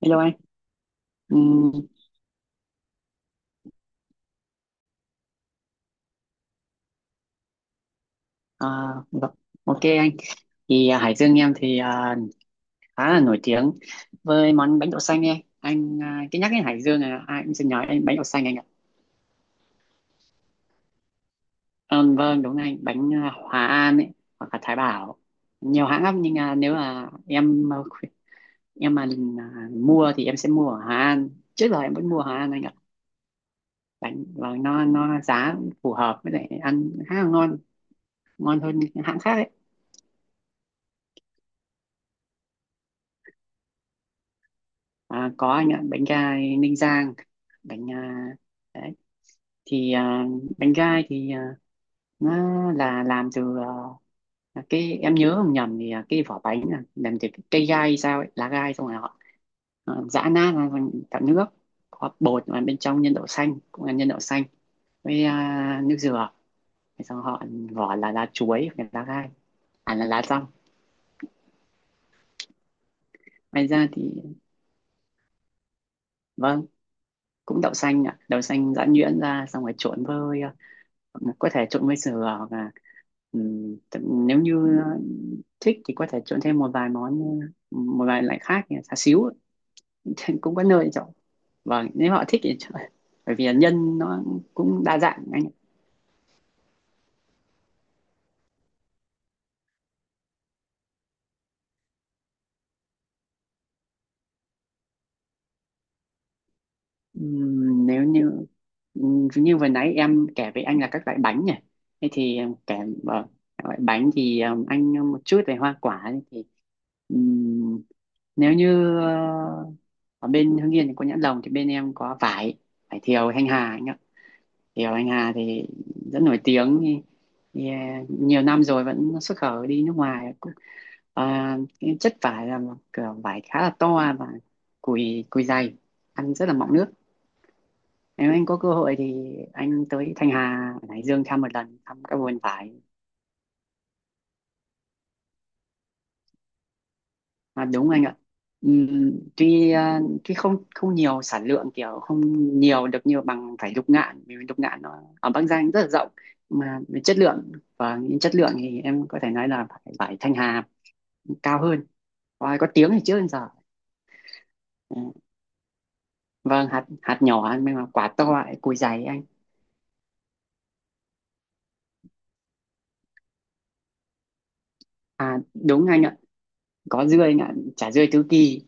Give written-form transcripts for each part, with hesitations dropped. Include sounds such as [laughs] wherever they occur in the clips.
Hello anh. Ừm, à, vâng. OK anh. Hải Dương em khá là nổi tiếng với món bánh đậu xanh ấy. Cứ nhắc đến Hải Dương là ai cũng sẽ nhớ đến bánh đậu xanh anh ạ. Vâng đúng anh, Hòa An ấy hoặc là Thái Bảo, nhiều hãng lắm nếu là em mà mua thì em sẽ mua ở Hòa An. Trước giờ em vẫn mua ở Hòa An anh ạ. Bánh và nó giá cũng phù hợp với lại ăn khá là ngon, ngon hơn những hãng khác ấy. À, có anh ạ, bánh gai Ninh Giang, bánh à, đấy thì à, bánh gai nó là làm từ cái em nhớ không nhầm cái vỏ bánh là làm từ cái cây gai hay sao ấy, lá gai xong rồi họ giã nát ra thành tạo nước có bột, và bên trong nhân đậu xanh cũng là nhân đậu xanh với nước dừa. Thế xong họ vỏ là lá chuối hoặc là lá gai, à là lá rong. Ngoài ra thì vâng, cũng đậu xanh ạ, đậu xanh giã nhuyễn ra xong rồi trộn với, có thể trộn với sườn hoặc là, nếu như thích thì có thể trộn thêm một vài món, một vài loại khác như là xá xíu. [laughs] Cũng có nơi để chọn, và nếu họ thích thì chọn, bởi vì là nhân nó cũng đa dạng anh ạ. Nếu như Như vừa nãy em kể với anh là các loại bánh nhỉ, thế thì em kể, vâng, các loại bánh thì, anh một chút về hoa quả thì, ừm, nếu như ờ, ở bên Hưng Yên thì có nhãn lồng, thì bên em có vải, vải thiều Thanh Hà anh ạ. Thiều Thanh Hà thì rất nổi tiếng thì nhiều năm rồi vẫn xuất khẩu đi nước ngoài cũng, cái chất vải là một kiểu vải khá là to và cùi cùi dày, ăn rất là mọng nước. Nếu anh có cơ hội thì anh tới Thanh Hà ở Hải Dương thăm một lần, thăm các vườn vải. À, đúng anh ạ. Tuy không không nhiều sản lượng, kiểu không nhiều được như bằng vải lục ngạn, vì lục ngạn nó ở Bắc Giang rất là rộng, mà về chất lượng, và những chất lượng thì em có thể nói là vải, vải Thanh Hà cao hơn, và có tiếng thì trước đến giờ. Ừ, vâng, hạt hạt nhỏ nhưng mà quả to lại cùi dày anh. À đúng anh ạ, có dươi anh ạ, chả dươi Tứ Kỳ,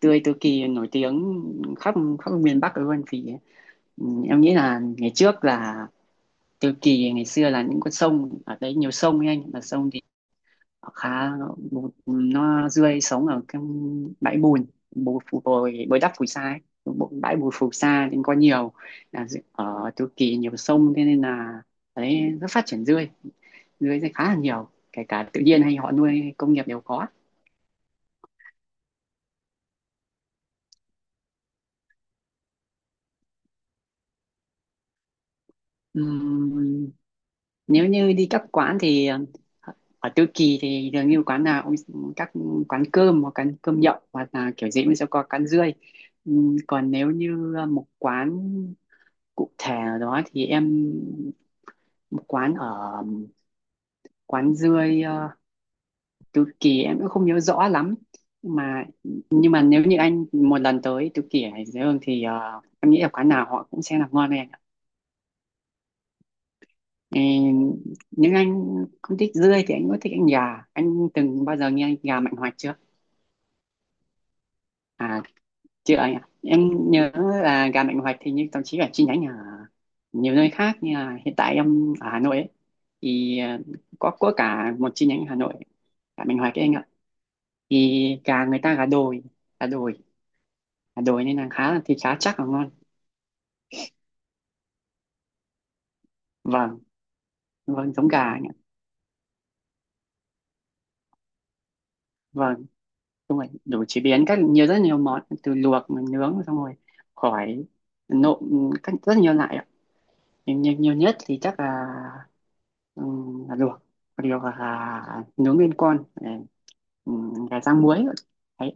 tươi Tứ Kỳ nổi tiếng khắp khắp miền Bắc luôn. Vì em nghĩ là ngày trước là Tứ Kỳ ngày xưa là những con sông ở đấy, nhiều sông ấy anh, mà sông thì nó khá bùn- nó rươi sống ở cái bãi bùn, bù phù bồi bồi đắp phù sa ấy. Bãi bùn phù sa nên có nhiều, là ở Tứ Kỳ nhiều sông, thế nên là đấy rất phát triển rươi. Rươi thì khá là nhiều, kể cả tự nhiên hay họ nuôi công nghiệp đều có. Ừm, Nếu như đi các quán thì ở Tứ Kỳ thì dường như quán nào cũng, các quán cơm hoặc quán cơm nhậu hoặc là kiểu gì cũng sẽ có quán rươi. Còn nếu như một quán cụ thể nào đó thì em, một quán ở, quán rươi ờ, Tứ Kỳ em cũng không nhớ rõ lắm, mà nhưng mà nếu như anh một lần tới Tứ Kỳ ở Hải Dương thì em nghĩ là quán nào họ cũng sẽ làm ngon. Ờ, nhưng anh không thích dươi thì anh có thích anh gà, anh từng bao giờ nghe anh gà Mạnh Hoạch chưa? À, chưa anh ạ, em nhớ là gà Mạnh Hoạch thì như thậm chí là chi nhánh ở nhiều nơi khác, như là hiện tại em ở Hà Nội ấy, thì có cả một chi nhánh ở Hà Nội gà Mạnh Hoạch ấy anh ạ. Thì gà người ta gà đồi, gà đồi, gà đồi nên là khá, thì khá chắc và ngon. Vâng, vâng giống gà anh ạ. Vâng đúng rồi, đủ chế biến các, nhiều, rất nhiều món, từ luộc mà nướng xong rồi, khỏi, nộm, các rất nhiều loại ạ. Nhưng nhiều, nhiều nhất thì chắc là luộc, còn điều là nướng nguyên con, gà rang muối. Đấy,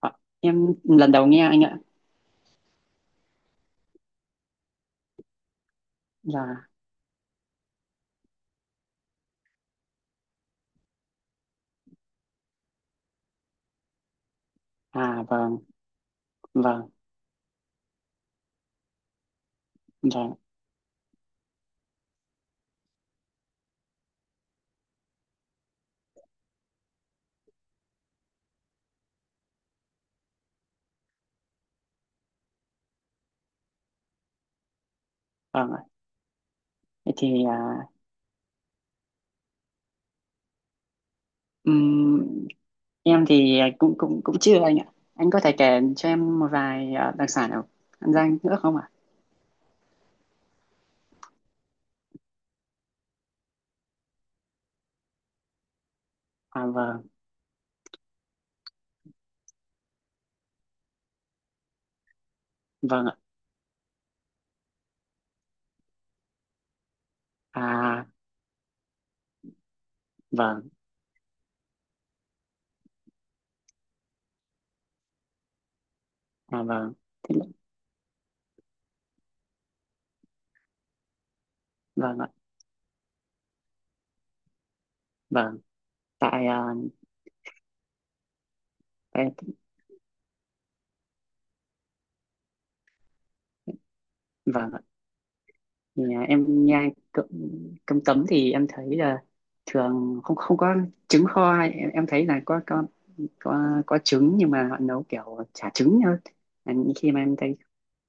ạ. Em lần đầu nghe anh ạ, là à vâng, vâng, vâng, vâng ạ. Thế thì à, ừm, em thì cũng cũng cũng chưa anh ạ, anh có thể kể cho em một vài đặc sản ở An Giang nữa không ạ? À vâng, vâng ạ, à vâng, à, vâng, thế là, vâng ạ, vâng tại à, tại- vâng ạ. Em nhai cơm, cơm tấm thì em thấy là thường không không có trứng kho, em thấy là có, có trứng nhưng mà họ nấu kiểu chả trứng hơn. Những khi mà em thấy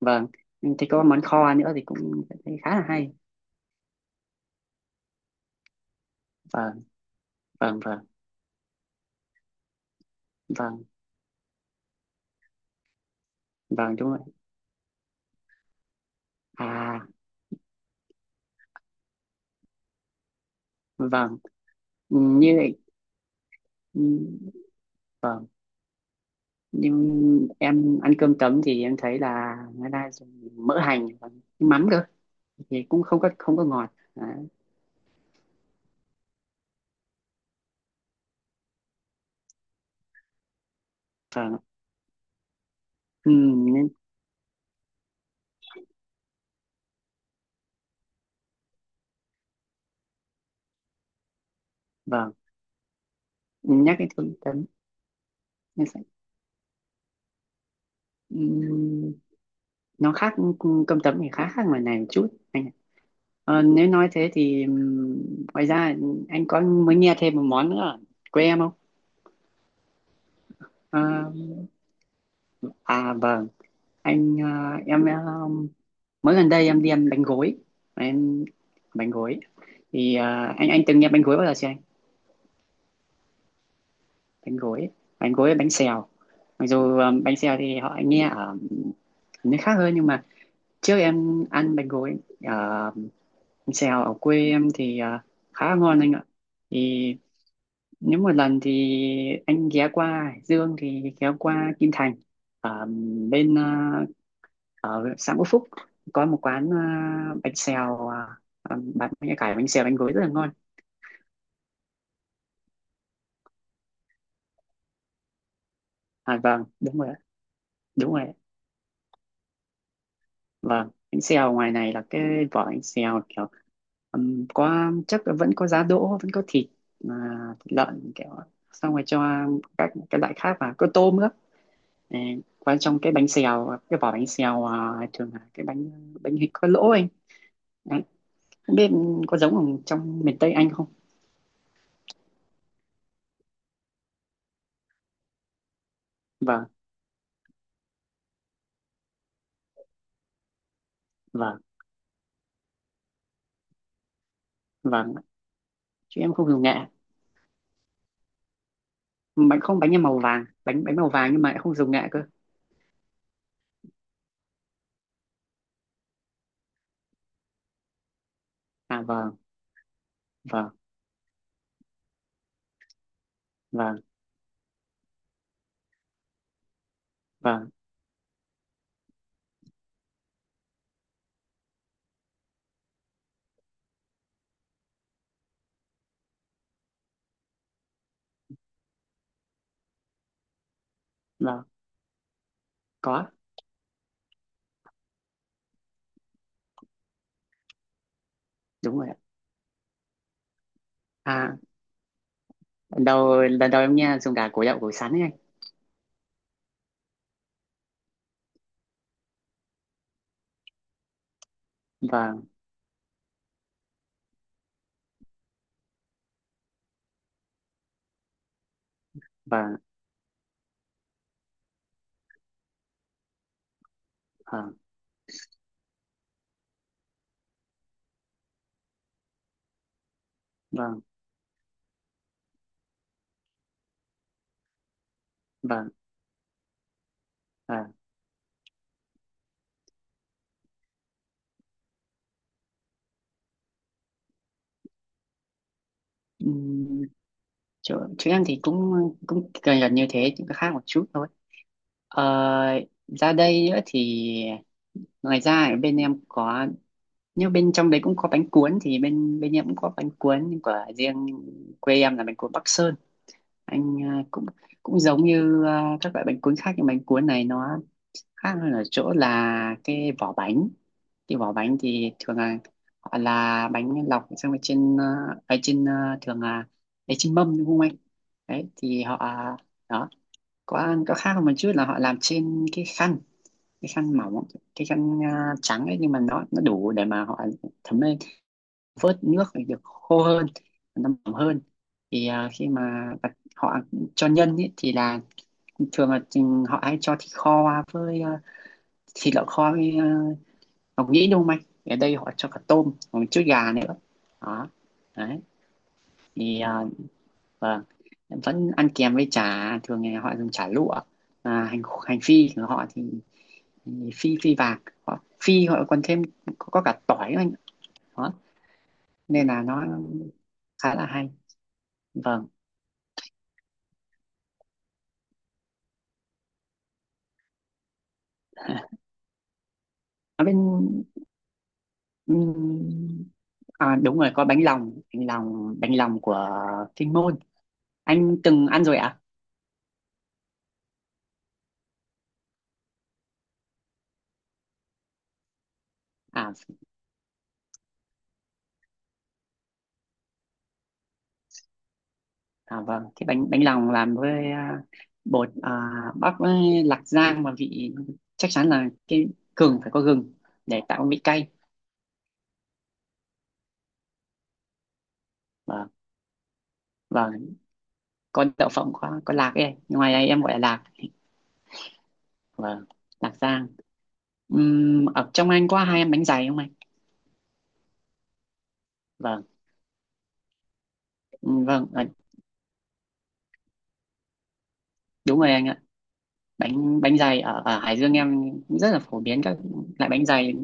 vâng, em thấy có món kho nữa thì cũng thấy khá là hay. Vâng, vâng, vâng, vâng, vâng đúng rồi. À vâng, như vậy nhưng em ăn cơm tấm thì em thấy là người ta dùng mỡ hành và mắm cơ, thì cũng không có ngọt. Đấy. Vâng. ừ, Nên vâng, nhắc cái cơm tấm em sẽ, ừm, nó khác, cơm tấm thì khá khác ngoài này một chút anh ạ. Ờ, nếu nói thế thì, ngoài ra anh có mới nghe thêm một món nữa ở quê em không? Ờ, à vâng, anh ờ, em ờ, mới gần đây em đi ăn bánh gối, em bánh gối thì anh từng nghe bánh gối bao giờ chưa? Bánh gối, bánh gối với bánh xèo, mặc dù bánh xèo thì họ nghe ở nơi khác hơn, nhưng mà trước em ăn bánh gối ở, bánh xèo ở quê em thì khá là ngon anh ạ. Thì nếu một lần thì anh ghé qua Hải Dương thì ghé qua Kim Thành, ở bên ở xã Ngũ Phúc có một quán bánh xèo, bán bánh cải, bánh xèo, bánh gối rất là ngon. À vâng đúng rồi ạ. Đúng rồi. Vâng, bánh xèo ngoài này là cái vỏ bánh xèo kiểu, có chắc là vẫn có giá đỗ, vẫn có thịt, à, thịt lợn kiểu xong rồi cho các cái loại khác vào, có tôm nữa. Ừ, qua trong cái bánh xèo, cái vỏ bánh xèo thường là cái bánh, bánh hình có lỗ anh. Đấy. Không biết có giống ở trong miền Tây Anh không? Vâng, vâng, vâng. Chứ em không dùng nghệ. Bánh không, bánh em màu vàng, bánh, bánh màu vàng nhưng mà lại không dùng nghệ cơ. À vâng, vâng, vâng, vâng, vâng. Có, đúng rồi ạ. À, lần đầu, lần đầu em nghe dùng cả củ đậu củ sắn ấy anh. Vâng, vâng, vâng, vâng, vâng, vâng. Ừm, Chỗ, chỗ em thì cũng cũng gần, gần như thế, chỉ có khác một chút thôi, ờ, ra đây nữa thì, ngoài ra ở bên em có, nhưng bên trong đấy cũng có bánh cuốn, thì bên, bên em cũng có bánh cuốn của riêng quê em, là bánh cuốn Bắc Sơn. Cũng cũng giống như các loại bánh cuốn khác, nhưng bánh cuốn này nó khác hơn ở chỗ là cái vỏ bánh. Cái vỏ bánh thì thường là họ là bánh lọc xong rồi trên ở trên thường là ở trên mâm đúng không anh, đấy thì họ đó, có khác hơn một chút là họ làm trên cái khăn, cái khăn mỏng, cái khăn trắng ấy, nhưng mà nó đủ để mà họ thấm lên, vớt nước để được khô hơn, nó mỏng hơn. Khi mà họ cho nhân ấy, thì là thường là chừng họ hay cho thịt kho với thịt lợn kho với, uh, ngọc nhĩ đúng không anh, ở đây họ cho cả tôm và một chút gà nữa. Đó, đấy thì, vâng, vẫn ăn kèm với chả, thường ngày họ dùng chả lụa, hành hành phi của họ thì phi, phi vàng, họ phi họ còn thêm có cả tỏi nữa anh. Đó, nên là nó khá là hay. Vâng. [laughs] Ở bên, ừm, à, đúng rồi có bánh lòng, bánh lòng, bánh lòng của Kinh Môn anh từng ăn rồi ạ. À? À vâng, cái bánh, bánh lòng làm với bột à, bắp với lạc rang và vị, chắc chắn là cái gừng, phải có gừng để tạo cái vị cay. Vâng, vâng, có đậu phộng, có lạc ấy, ngoài đây em gọi là lạc. Vâng, lạc rang. Ở trong anh có hai em bánh dày không anh? Vâng, vâng, đúng rồi anh ạ. Bánh, bánh dày ở, ở Hải Dương em cũng rất là phổ biến các loại bánh dày,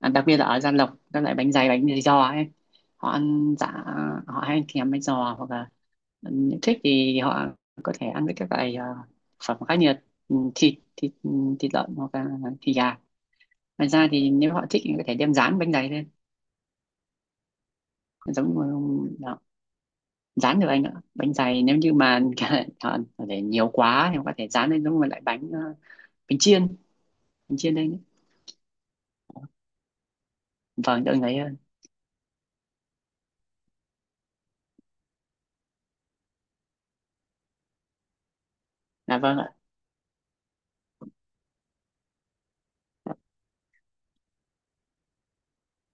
à, đặc biệt là ở Gia Lộc các loại bánh dày giò ấy. Họ ăn dạ, họ hay thèm bánh giò, hoặc là, ừ, thích thì họ có thể ăn với các loại phẩm khá nhiệt, thịt, thịt thịt lợn hoặc là thịt gà. Ngoài ra thì nếu họ thích thì có thể đem rán bánh dày lên, giống, đó. Rán được anh ạ, bánh dày nếu như mà [laughs] họ để nhiều quá thì họ có thể rán lên giống như loại bánh bánh chiên, bánh chiên lên ấy. Vâng đợi ấy hơn. À vâng ạ.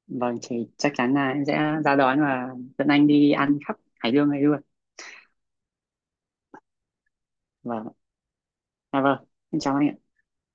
Vâng, thì chắc chắn là em sẽ ra đón và dẫn anh đi ăn khắp Hải Dương này luôn. Vâng ạ. À vâng, em chào anh ạ.